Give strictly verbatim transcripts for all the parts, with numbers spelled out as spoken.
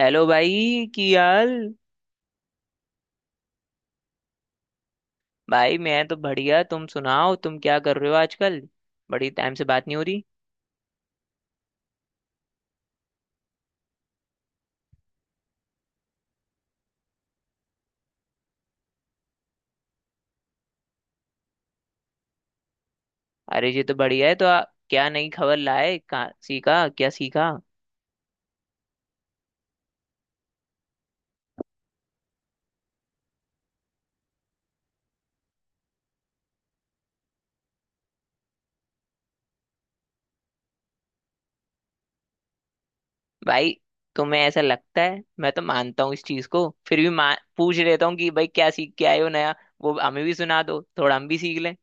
Hello भाई की हाल। भाई मैं तो बढ़िया तुम सुनाओ तुम क्या कर रहे हो आजकल। बड़ी टाइम से बात नहीं हो रही। अरे ये तो बढ़िया है तो आ, क्या नई खबर लाए कहाँ सीखा क्या सीखा। भाई तुम्हें ऐसा लगता है मैं तो मानता हूँ इस चीज को फिर भी मा- पूछ लेता हूँ कि भाई क्या सीख के आए हो नया। वो हमें भी सुना दो थोड़ा हम भी सीख लें।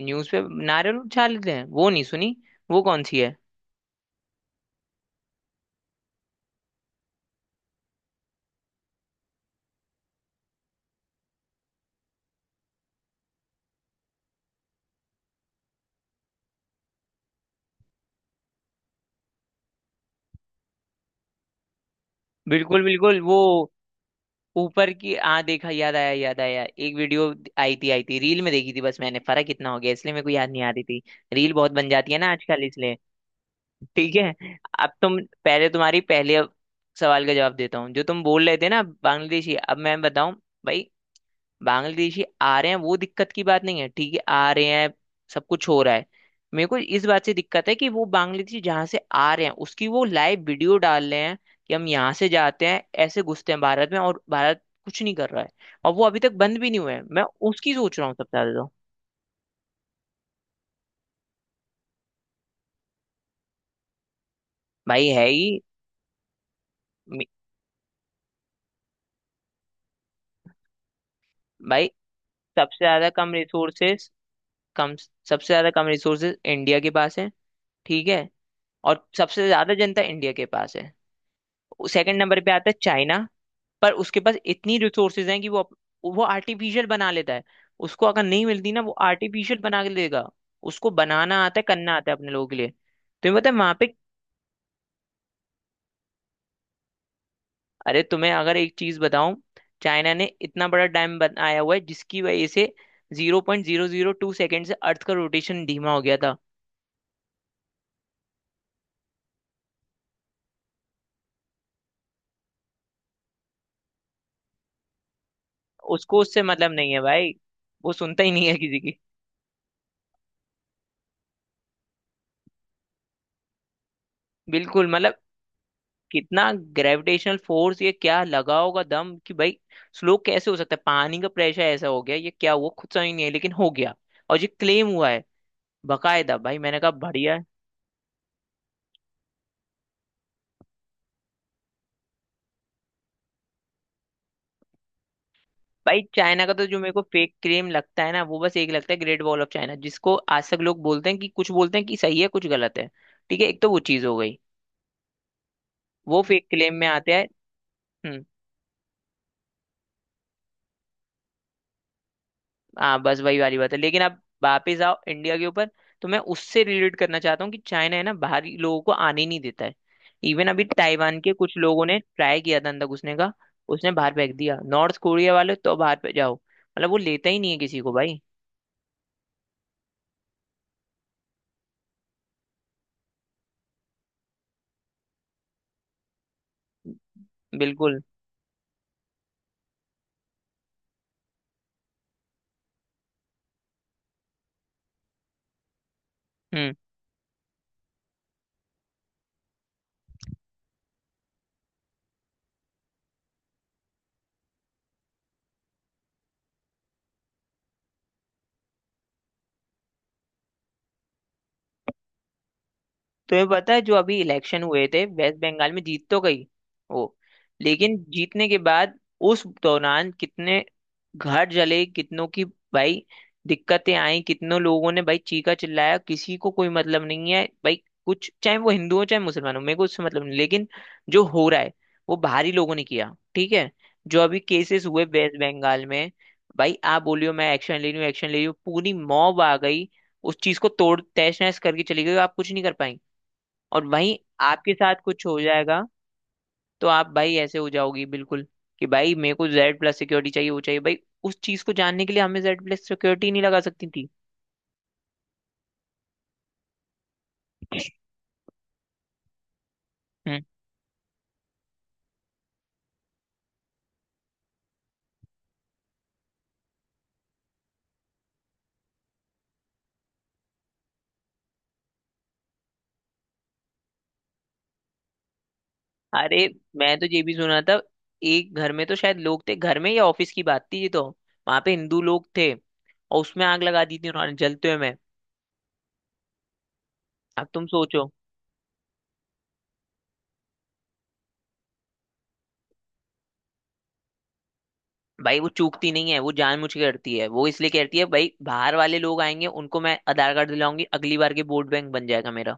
न्यूज पे नारियल उछाल लेते हैं वो नहीं सुनी। वो कौन सी है? बिल्कुल बिल्कुल वो ऊपर की आ देखा याद आया याद आया एक वीडियो आई थी आई थी रील में देखी थी बस मैंने फर्क इतना हो गया इसलिए मेरे को याद नहीं आ रही थी। रील बहुत बन जाती है ना आजकल इसलिए। ठीक है। अब तुम पहले तुम्हारी पहले सवाल का जवाब देता हूँ जो तुम बोल रहे थे ना बांग्लादेशी अब मैं बताऊं। भाई बांग्लादेशी आ रहे हैं वो दिक्कत की बात नहीं है ठीक है आ रहे हैं सब कुछ हो रहा है। मेरे को इस बात से दिक्कत है कि वो बांग्लादेशी जहां से आ रहे हैं उसकी वो लाइव वीडियो डाल रहे हैं कि हम यहाँ से जाते हैं ऐसे घुसते हैं भारत में और भारत कुछ नहीं कर रहा है। और वो अभी तक बंद भी नहीं हुए हैं मैं उसकी सोच रहा हूँ सबसे ज्यादा तो। भाई है ही। मे- भाई सबसे ज्यादा कम रिसोर्सेस कम सबसे ज्यादा कम रिसोर्सेस इंडिया के पास है। ठीक है। और सबसे ज्यादा जनता इंडिया के पास है। सेकंड नंबर पे आता है चाइना। पर उसके पास इतनी रिसोर्सेज हैं कि वो अप- वो आर्टिफिशियल बना लेता है। उसको अगर नहीं मिलती ना वो आर्टिफिशियल बना के देगा। उसको बनाना आता है करना आता है अपने लोगों के लिए। तुम्हें पता है वहां पे। अरे तुम्हें अगर एक चीज बताऊं चाइना ने इतना बड़ा डैम बनाया हुआ है जिसकी वजह से zero point zero zero two second से अर्थ का रोटेशन धीमा हो गया था। उसको उससे मतलब नहीं है भाई। वो सुनता ही नहीं है किसी की। बिल्कुल मतलब कितना ग्रेविटेशनल फोर्स ये क्या लगा होगा दम कि भाई स्लो कैसे हो सकता है पानी का प्रेशर ऐसा हो गया ये क्या हुआ खुद समझ नहीं है लेकिन हो गया। और ये क्लेम हुआ है बकायदा। भाई मैंने कहा बढ़िया है। भाई चाइना का तो जो मेरे को फेक क्लेम लगता है ना वो बस एक लगता है ग्रेट वॉल ऑफ चाइना जिसको आज तक लोग बोलते हैं कि कुछ बोलते हैं कि सही है कुछ गलत है। ठीक है। एक तो वो चीज हो गई। वो फेक क्लेम में आते हैं। हम्म। हाँ बस वही वाली बात है लेकिन अब वापिस आओ इंडिया के ऊपर। तो मैं उससे रिलेट करना चाहता हूँ कि चाइना है ना बाहरी लोगों को आने ही नहीं देता है। इवन अभी ताइवान के कुछ लोगों ने ट्राई किया था अंदर घुसने का। उसने बाहर फेंक दिया। नॉर्थ कोरिया वाले तो बाहर पे जाओ मतलब वो लेता ही नहीं है किसी को भाई। बिल्कुल। हम्म। तुम्हें पता है जो अभी इलेक्शन हुए थे वेस्ट बंगाल में जीत तो गई वो। लेकिन जीतने के बाद उस दौरान कितने घर जले कितनों की भाई दिक्कतें आई कितनों लोगों ने भाई चीखा चिल्लाया किसी को कोई मतलब नहीं है भाई। कुछ चाहे वो हिंदू हो चाहे मुसलमान हो मेरे को उससे मतलब नहीं। लेकिन जो हो रहा है वो बाहरी लोगों ने किया। ठीक है। जो अभी केसेस हुए वेस्ट बंगाल में भाई आप बोलियो मैं एक्शन ले रही हूँ एक्शन ले रही हूँ पूरी मॉब आ गई। उस चीज को तोड़ तहस नहस करके चली गई। आप कुछ नहीं कर पाई। और वहीं आपके साथ कुछ हो जाएगा तो आप भाई ऐसे हो जाओगी बिल्कुल कि भाई मेरे को जेड प्लस सिक्योरिटी चाहिए वो चाहिए भाई। उस चीज को जानने के लिए हमें जेड प्लस सिक्योरिटी नहीं लगा सकती थी। हम्म। अरे मैं तो ये भी सुना था एक घर में तो शायद लोग थे घर में या ऑफिस की बात थी ये तो वहां पे हिंदू लोग थे और उसमें आग लगा दी थी उन्होंने जलते हुए में। अब तुम सोचो। भाई वो चूकती नहीं है वो जानबूझ के करती है वो इसलिए करती है भाई। बाहर वाले लोग आएंगे उनको मैं आधार कार्ड दिलाऊंगी अगली बार के वोट बैंक बन जाएगा मेरा।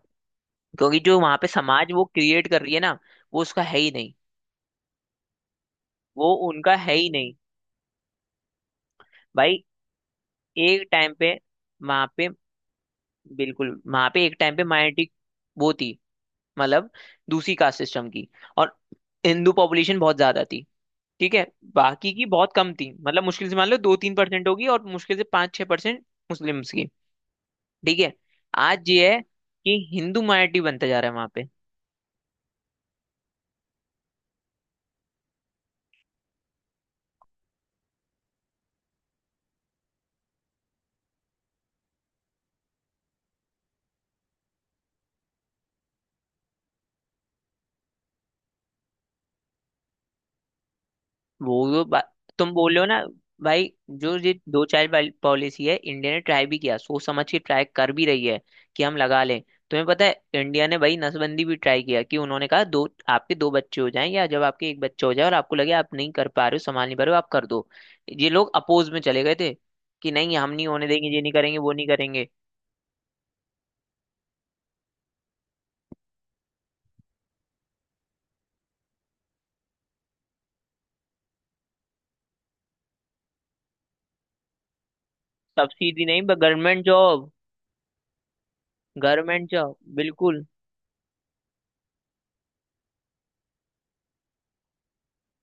क्योंकि जो वहां पे समाज वो क्रिएट कर रही है ना वो उसका है ही नहीं। वो उनका है ही नहीं। भाई एक टाइम पे वहां पे बिल्कुल वहां पे एक टाइम पे माइनॉरिटी वो थी मतलब दूसरी कास्ट सिस्टम की। और हिंदू पॉपुलेशन बहुत ज्यादा थी। ठीक है। बाकी की बहुत कम थी मतलब मुश्किल से मान लो दो तीन परसेंट होगी और मुश्किल से पाँच छह परसेंट मुस्लिम्स की। ठीक है। आज ये है कि हिंदू माइनॉरिटी बनता जा रहा है वहां पे। वो तो बा- तुम बोल रहे हो ना। भाई जो ये दो चाइल्ड पॉलिसी है इंडिया ने ट्राई भी किया सोच समझ के ट्राई कर भी रही है कि हम लगा लें। तुम्हें पता है इंडिया ने भाई नसबंदी भी ट्राई किया कि उन्होंने कहा दो आपके दो बच्चे हो जाएं या जब आपके एक बच्चा हो जाए और आपको लगे आप नहीं कर पा रहे हो संभाल नहीं पा रहे हो आप कर दो। ये लोग अपोज में चले गए थे कि नहीं हम नहीं होने देंगे ये नहीं करेंगे वो नहीं करेंगे। सब्सिडी नहीं गवर्नमेंट जॉब गवर्नमेंट जॉब बिल्कुल।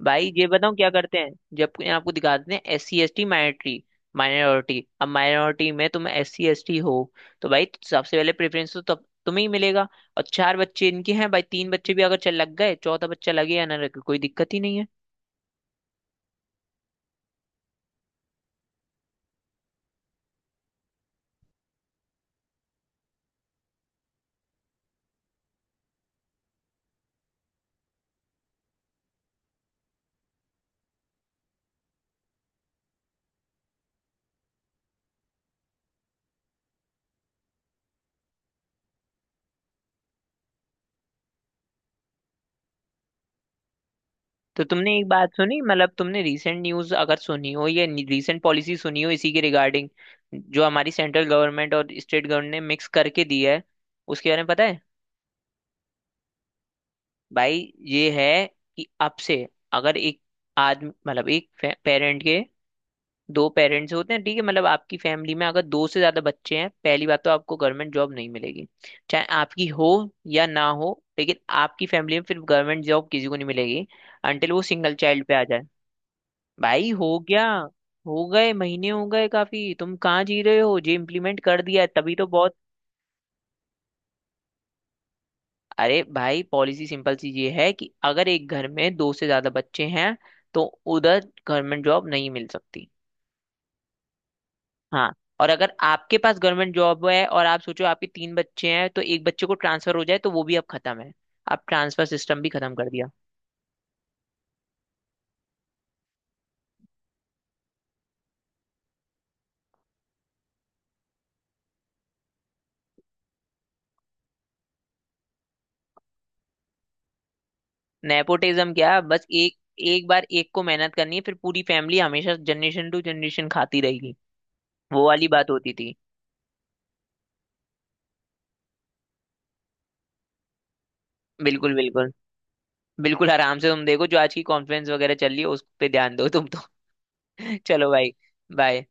भाई ये बताऊं क्या करते हैं जब कोई आपको दिखा देते हैं S C S T minority. Minority अब माइनॉरिटी में तुम एस सी एस टी हो। तो भाई सबसे पहले प्रेफरेंस तो तब तुम्हें ही मिलेगा। और चार बच्चे इनके हैं भाई तीन बच्चे भी अगर चल लग गए चौथा बच्चा लगे या ना लगे कोई दिक्कत ही नहीं है। तो तुमने एक बात सुनी मतलब तुमने रीसेंट न्यूज अगर सुनी हो या रीसेंट पॉलिसी सुनी हो इसी के रिगार्डिंग जो हमारी सेंट्रल गवर्नमेंट और स्टेट गवर्नमेंट ने मिक्स करके दी है उसके बारे में पता है। भाई ये है कि अब से अगर एक आदमी मतलब एक पेरेंट के दो पेरेंट्स होते हैं ठीक है मतलब आपकी फैमिली में अगर दो से ज्यादा बच्चे हैं पहली बात तो आपको गवर्नमेंट जॉब नहीं मिलेगी। चाहे आपकी हो या ना हो। लेकिन आपकी फैमिली में फिर गवर्नमेंट जॉब किसी को नहीं मिलेगी अंटिल वो सिंगल चाइल्ड पे आ जाए। भाई हो गया। हो गए महीने हो गए काफी तुम कहाँ जी रहे हो जे इम्प्लीमेंट कर दिया है, तभी तो बहुत। अरे भाई पॉलिसी सिंपल सी ये है कि अगर एक घर में दो से ज्यादा बच्चे हैं तो उधर गवर्नमेंट जॉब नहीं मिल सकती। हाँ। और अगर आपके पास गवर्नमेंट जॉब है और आप सोचो आपके तीन बच्चे हैं तो एक बच्चे को ट्रांसफर हो जाए तो वो भी अब खत्म है। आप ट्रांसफर सिस्टम भी खत्म कर दिया। नेपोटिज्म क्या बस एक एक बार एक को मेहनत करनी है फिर पूरी फैमिली हमेशा जनरेशन टू जनरेशन खाती रहेगी। वो वाली बात होती थी। बिल्कुल बिल्कुल। बिल्कुल आराम से तुम देखो जो आज की कॉन्फ्रेंस वगैरह चल रही है उस पे ध्यान दो तुम तो। चलो भाई। बाय।